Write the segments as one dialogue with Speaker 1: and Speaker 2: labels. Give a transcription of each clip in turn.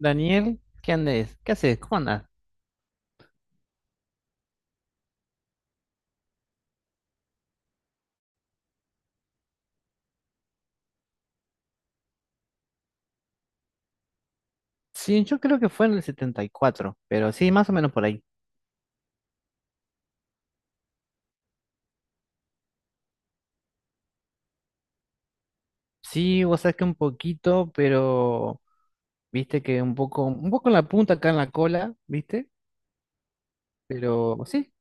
Speaker 1: Daniel, ¿qué andes? ¿Qué haces? ¿Cómo andas? Sí, yo creo que fue en el 74, pero sí, más o menos por ahí. Sí, vos sabés que un poquito, pero viste que un poco en la punta acá en la cola, ¿viste? Pero sí,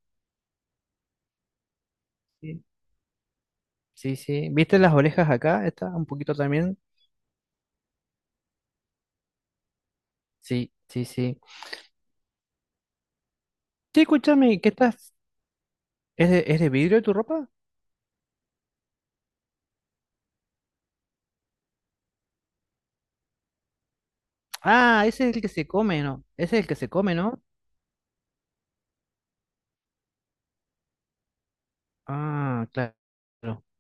Speaker 1: sí, sí. ¿Viste las orejas acá? Está un poquito también. Sí, sí, sí. Sí, escúchame, ¿qué estás? ¿Es de vidrio tu ropa? Ah, ese es el que se come, ¿no? Ese es el que se come, ¿no? Ah, claro.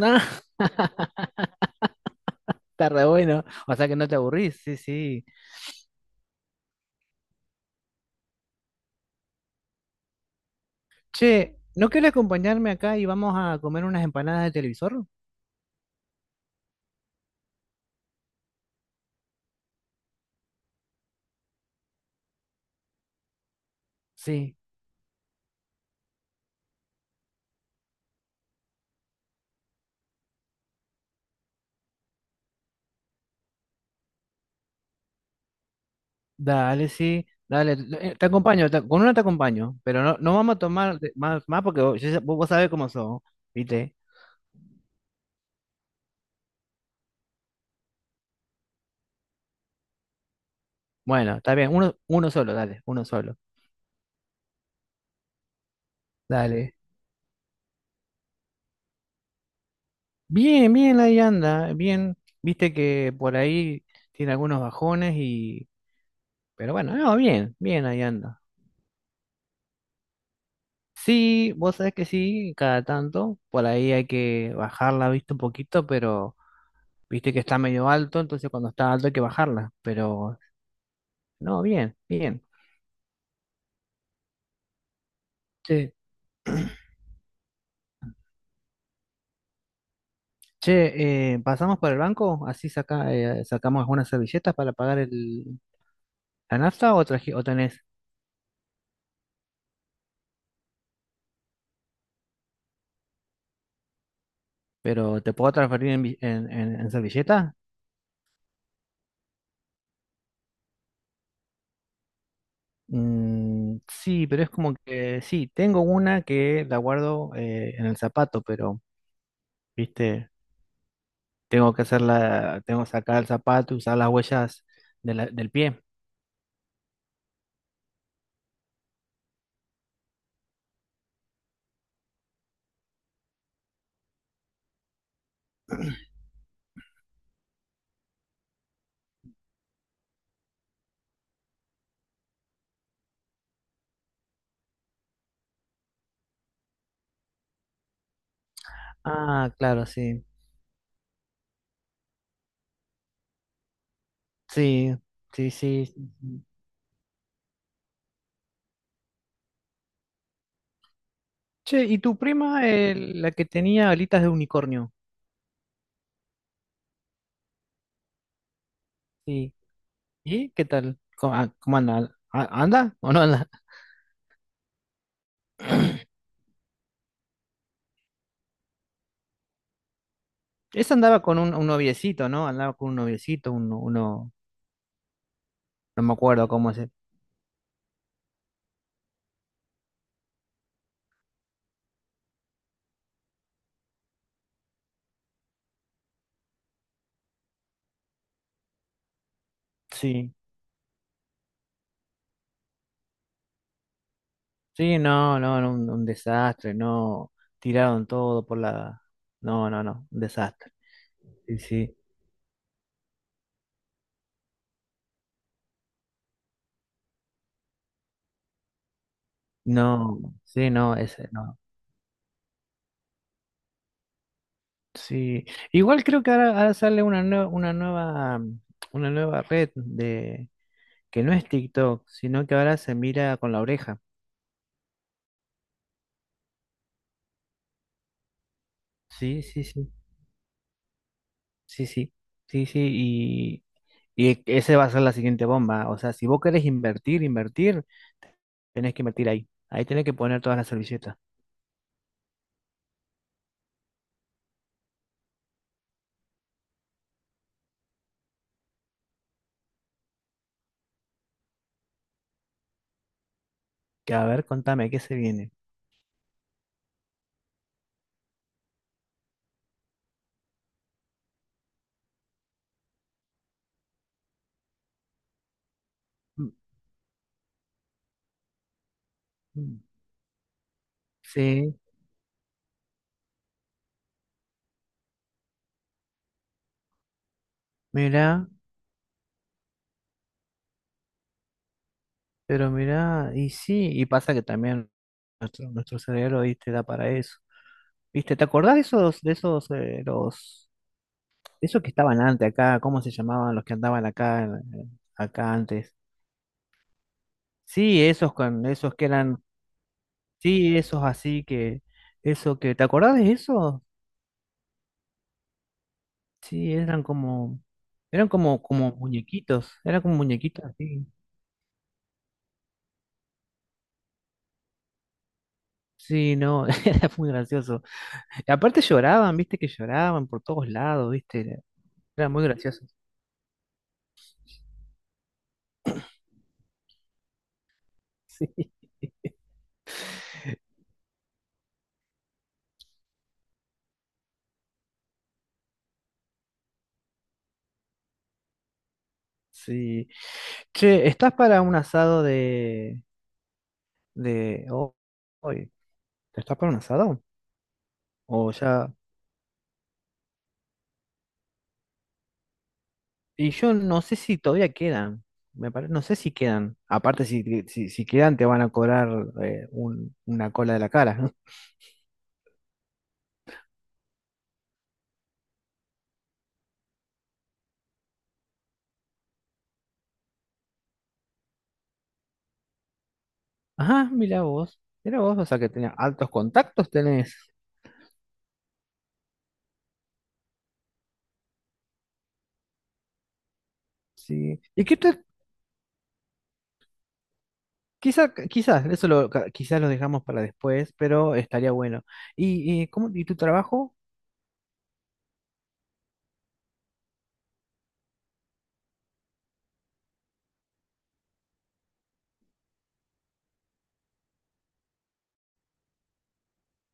Speaker 1: Ah, está re bueno. O sea que no te aburrís, sí, sí. Che, ¿no quieres acompañarme acá y vamos a comer unas empanadas de televisor? Sí, dale, sí, dale. Te acompaño, con una te acompaño, pero no, no vamos a tomar más, porque vos, vos sabés cómo son, ¿viste? Bueno, está bien, uno solo, dale, uno solo, dale. Bien, bien, ahí anda, bien. Viste que por ahí tiene algunos bajones y... Pero bueno, no, bien, bien, ahí anda. Sí, vos sabés que sí, cada tanto, por ahí hay que bajarla, viste, un poquito, pero... Viste que está medio alto, entonces cuando está alto hay que bajarla. Pero no, bien, bien. Che, Che, ¿pasamos por el banco? Así saca, sacamos algunas servilletas para pagar la nafta o, o tenés. Pero ¿te puedo transferir en, vi- en servilleta? Mm, sí, pero es como que sí, tengo una que la guardo en el zapato, pero viste, tengo que hacerla, tengo que sacar el zapato y usar las huellas del pie. Ah, claro, sí. Sí, sí, sí. Che, ¿y tu prima, la que tenía alitas de unicornio? Sí. ¿Y qué tal? ¿Cómo anda? ¿Anda o no anda? Esa andaba con un noviecito, ¿no? Andaba con un noviecito, uno, no me acuerdo cómo se... Sí, sí, no, no, no, un desastre, no, tiraron todo por la... No, no, no, un desastre. Sí, sí, no, sí, no, ese, no. Sí, igual creo que ahora, ahora sale una nueva, mm, una nueva red de. Que no es TikTok, sino que ahora se mira con la oreja. Sí, sí, sí, sí, sí, sí, sí, y ese va a ser la siguiente bomba. O sea, si vos querés invertir, tenés que invertir ahí. Ahí tenés que poner todas las servilletas. Que a ver, contame, ¿qué se viene? Mm, mm. Sí, mira, pero mira, y sí, y pasa que también nuestro cerebro, viste, da para eso. ¿Viste? ¿Te acordás de esos, los esos que estaban antes acá, ¿cómo se llamaban los que andaban acá, acá antes? Sí, esos con esos que eran, sí, esos así que, eso que, ¿te acordás de eso? Sí, eran como, como muñequitos, eran como muñequitos así. Sí, no, era muy gracioso. Y aparte lloraban, viste que lloraban por todos lados, viste, era, era muy gracioso. Sí, sí. Che, ¿estás para un asado de hoy? ¿Estás para un asado? ¿O ya? Y yo no sé si todavía quedan. No sé si quedan. Aparte, si, si, si quedan, te van a cobrar una cola de la cara. Ajá, mira vos. Mira vos, o sea que tenés altos contactos, tenés. Sí. Quizá, quizás, quizás lo dejamos para después, pero estaría bueno. ¿Y cómo, y tu trabajo?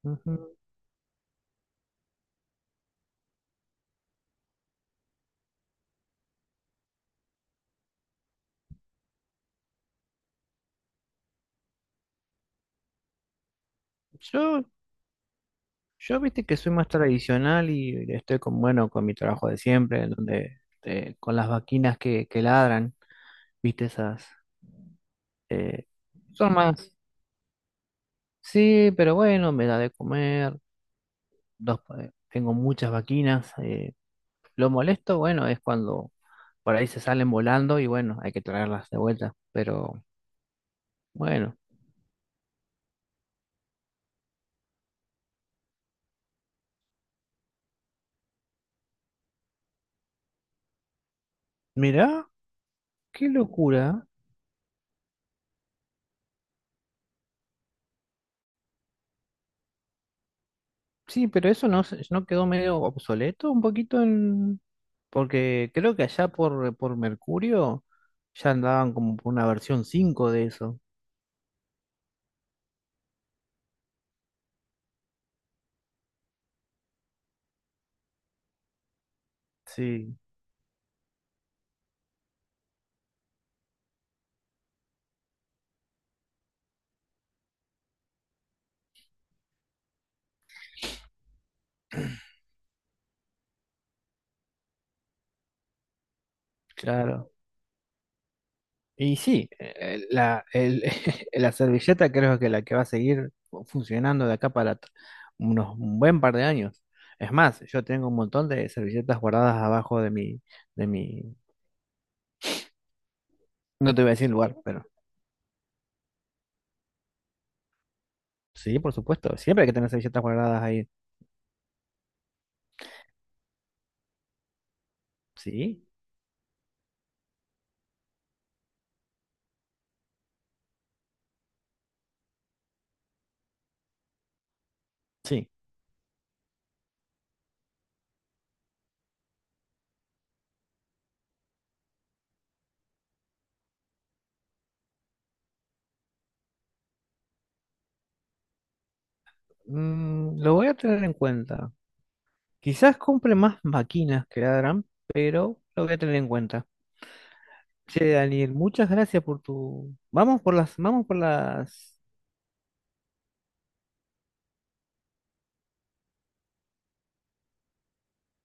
Speaker 1: Ujú. Yo, yo viste que soy más tradicional y estoy con, bueno, con mi trabajo de siempre, en donde con las vaquinas que ladran, viste esas Eh, son más, sí, pero bueno, me da de comer. Dos, tengo muchas vaquinas. Lo molesto, bueno, es cuando por ahí se salen volando y bueno, hay que traerlas de vuelta. Pero bueno, mirá, qué locura. Sí, pero eso no, no quedó medio obsoleto un poquito en... Porque creo que allá por Mercurio ya andaban como por una versión 5 de eso. Sí, claro. Y sí, la, la servilleta creo que la que va a seguir funcionando de acá unos un buen par de años. Es más, yo tengo un montón de servilletas guardadas abajo de mi, no te voy a decir lugar, pero sí, por supuesto, siempre hay que tener servilletas guardadas ahí. Sí, sí. Mm, lo voy a tener en cuenta. Quizás compre más máquinas que ladran, pero lo voy a tener en cuenta. Che, Daniel, muchas gracias por tu... vamos por las